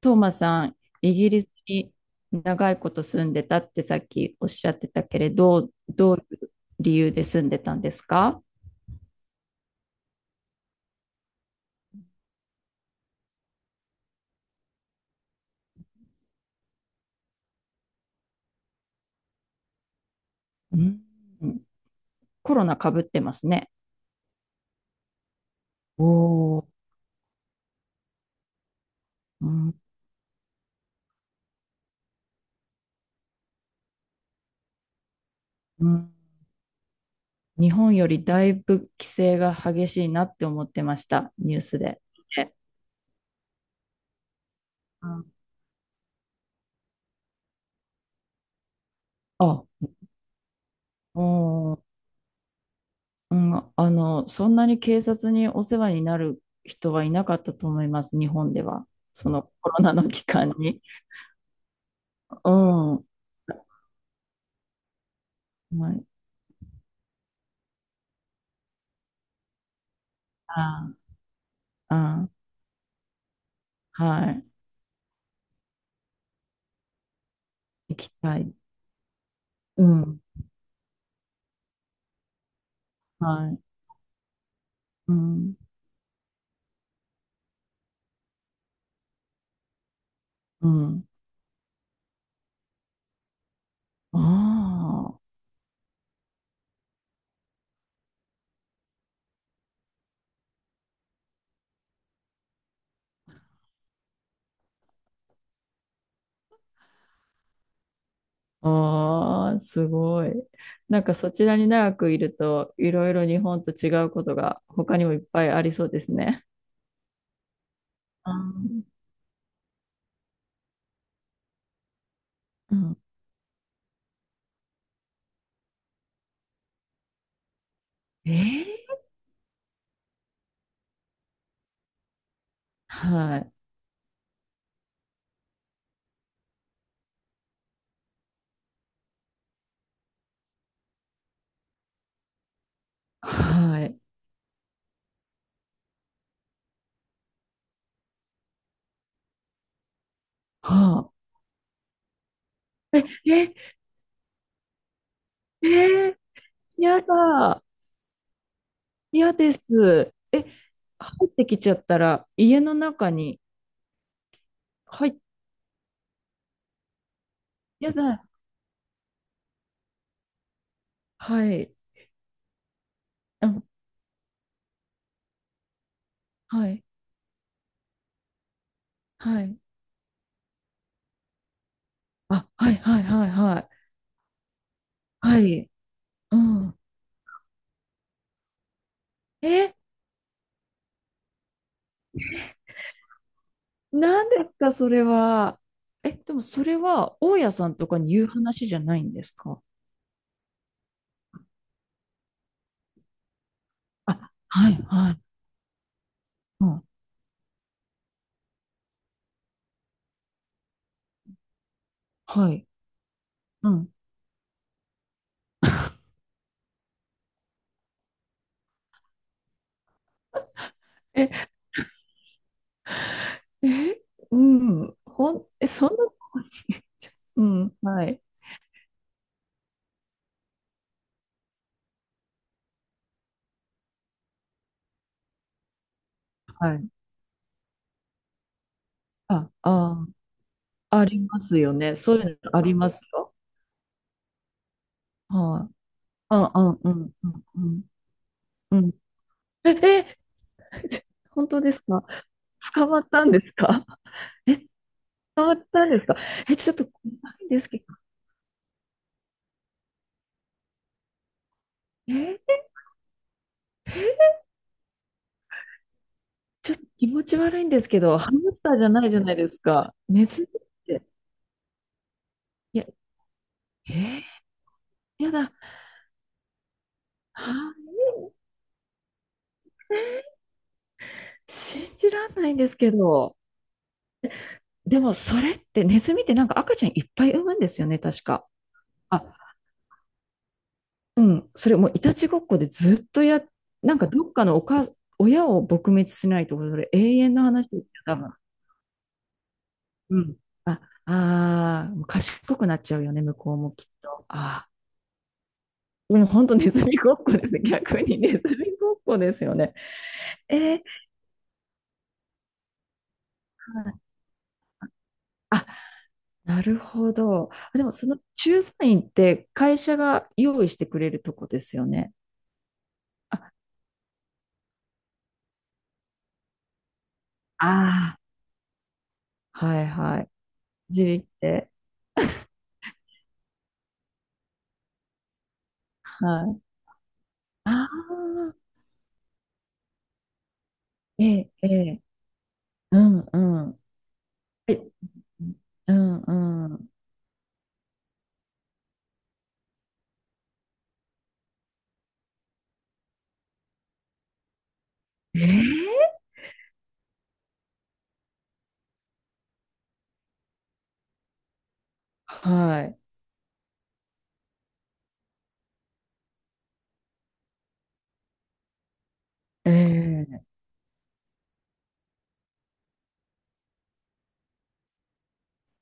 トーマさん、イギリスに長いこと住んでたってさっきおっしゃってたけれど、どういう理由で住んでたんですか？うん。コロナかぶってますね。おー。うん、うん。日本よりだいぶ規制が激しいなって思ってました、ニュースで。で、うん。あ、おー。うん、そんなに警察にお世話になる人はいなかったと思います、日本では。そのコロナの期間に。うん。はい。あ、あ、はい。行きたい。うん。はい。うん。うん。ああ。ああ、すごい。なんかそちらに長くいると、いろいろ日本と違うことが他にもいっぱいありそうですね。あー。うん。えーはい。はい。はあ。え、えー、やだ。嫌です。え、入ってきちゃったら、家の中に、はい、やだ。はい。うん、はい。はい。あ、はい、はい、はい、はい。はい。うん。え、何ですか、それは。え、でもそれは、大家さんとかに言う話じゃないんですか？あ、はい、はい、うん、はい、うん。え、え、うん、え、そんなとこに。 うん、はい、はい。あ、あ、ありますよね。そういうのありますよ。はい。あ、あ、うん、うん、うん、うん。え、え、ち本当ですか？捕まったんですか？捕まったんですか？え、ちょっと怖いんですけど。え。ちょっと気持ち悪いんですけど、ハムスターじゃないじゃないですか。ネズミって。いや、えー、やだ。はあ、信じらんないんですけど。でも、それって、ネズミってなんか赤ちゃんいっぱい産むんですよね、確か。あ、うん。それもういたちごっこでずっとなんかどっかの親を撲滅しないと、それ永遠の話ですよ、多分。うん。あ、あー、賢くなっちゃうよね、向こうもきっと。あー、もう本当ネズミごっこですね。逆にネズミごっこですよね。えー、あ、なるほど。あ、でもその駐在員って会社が用意してくれるとこですよね。あ、ああ、はい、はい。自力で。はい。ああ、ええ、ええ、うんうん。え、うんうん。ええ、はい。ええ。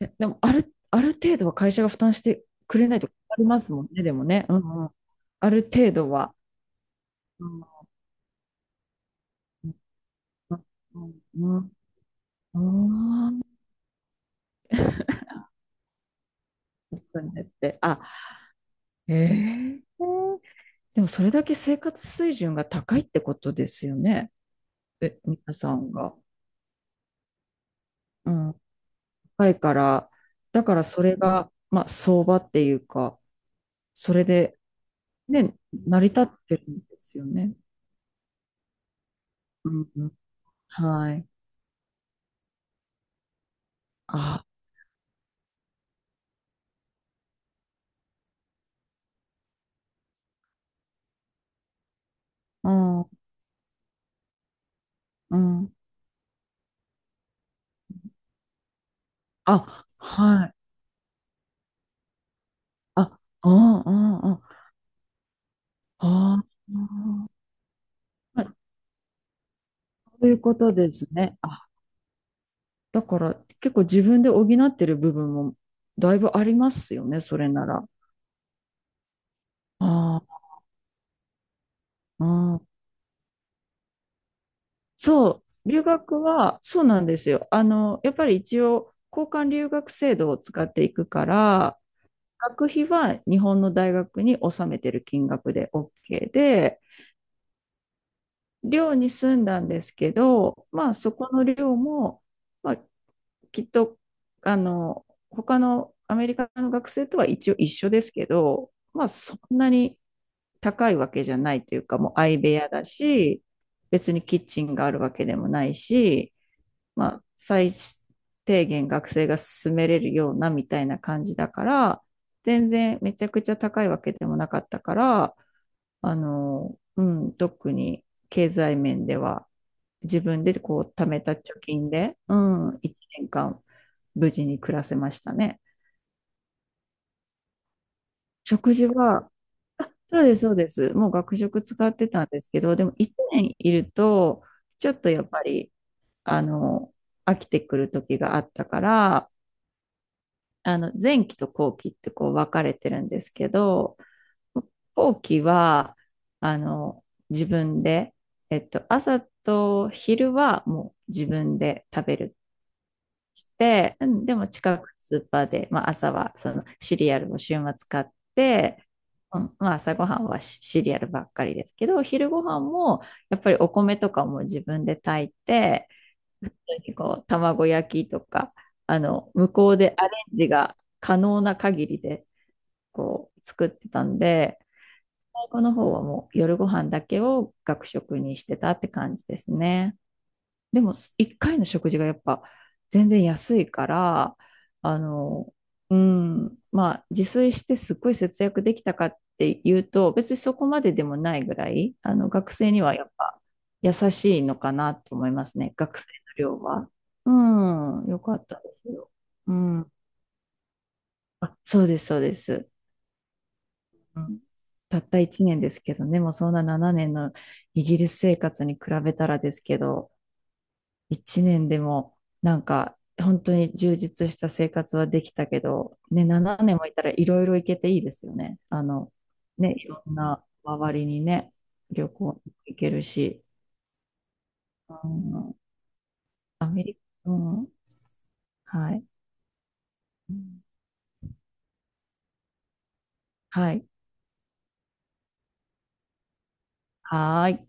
え、でもある程度は会社が負担してくれないと困りますもんね、でもね。うんうん。ある程度は。うんうん、うんうん。うんうんになって。あ、えーでもそれだけ生活水準が高いってことですよね。え、皆さんが。うん、高いから、だからそれが、まあ、相場っていうか、それで、ね、成り立ってるんですよね。うん、うん、はい。あ、うん、うん。あ、はい。あ、うん、うん、うん。ああ、そういうことですね。あ、だから結構自分で補ってる部分もだいぶありますよね、それなら。あー。あー、うん。そう、留学はそうなんですよ。やっぱり一応交換留学制度を使っていくから、学費は日本の大学に納めてる金額で OK で、寮に住んだんですけど、まあそこの寮も、まあ、きっと他のアメリカの学生とは一応一緒ですけど、まあそんなに高いわけじゃないというか、もう相部屋だし、別にキッチンがあるわけでもないし、まあ、最低限学生が進めれるようなみたいな感じだから、全然めちゃくちゃ高いわけでもなかったから、うん、特に経済面では自分でこう貯めた貯金で、うん、1年間無事に暮らせましたね。食事は、あ、そうです、そうです。もう学食使ってたんですけど、でも1年いると、ちょっとやっぱり、あの、飽きてくる時があったから、前期と後期ってこう分かれてるんですけど、後期は、あの、自分で、朝と昼はもう自分で食べるして、うん、でも近くのスーパーで、まあ、朝はそのシリアルを週末買って、うん、まあ、朝ごはんはシシリアルばっかりですけど、昼ごはんもやっぱりお米とかも自分で炊いて、本当にこう卵焼きとか、向こうでアレンジが可能な限りでこう作ってたんで、最後の方はもう夜ご飯だけを学食にしてたって感じですね。でも、1回の食事がやっぱ全然安いから、あの、うん、まあ、自炊してすっごい節約できたかっていうと、別にそこまででもないぐらい、学生にはやっぱ優しいのかなと思いますね、学生の量は。うん、よかったですよ。うん。あ、そうです、そうです。うん、たった1年ですけどね、もうそんな7年のイギリス生活に比べたらですけど、一年でもなんか本当に充実した生活はできたけど、ね、7年もいたらいろいろ行けていいですよね。ね、いろんな周りにね、旅行行けるし、うん、アメリカ、うん、はい、はい、はーい。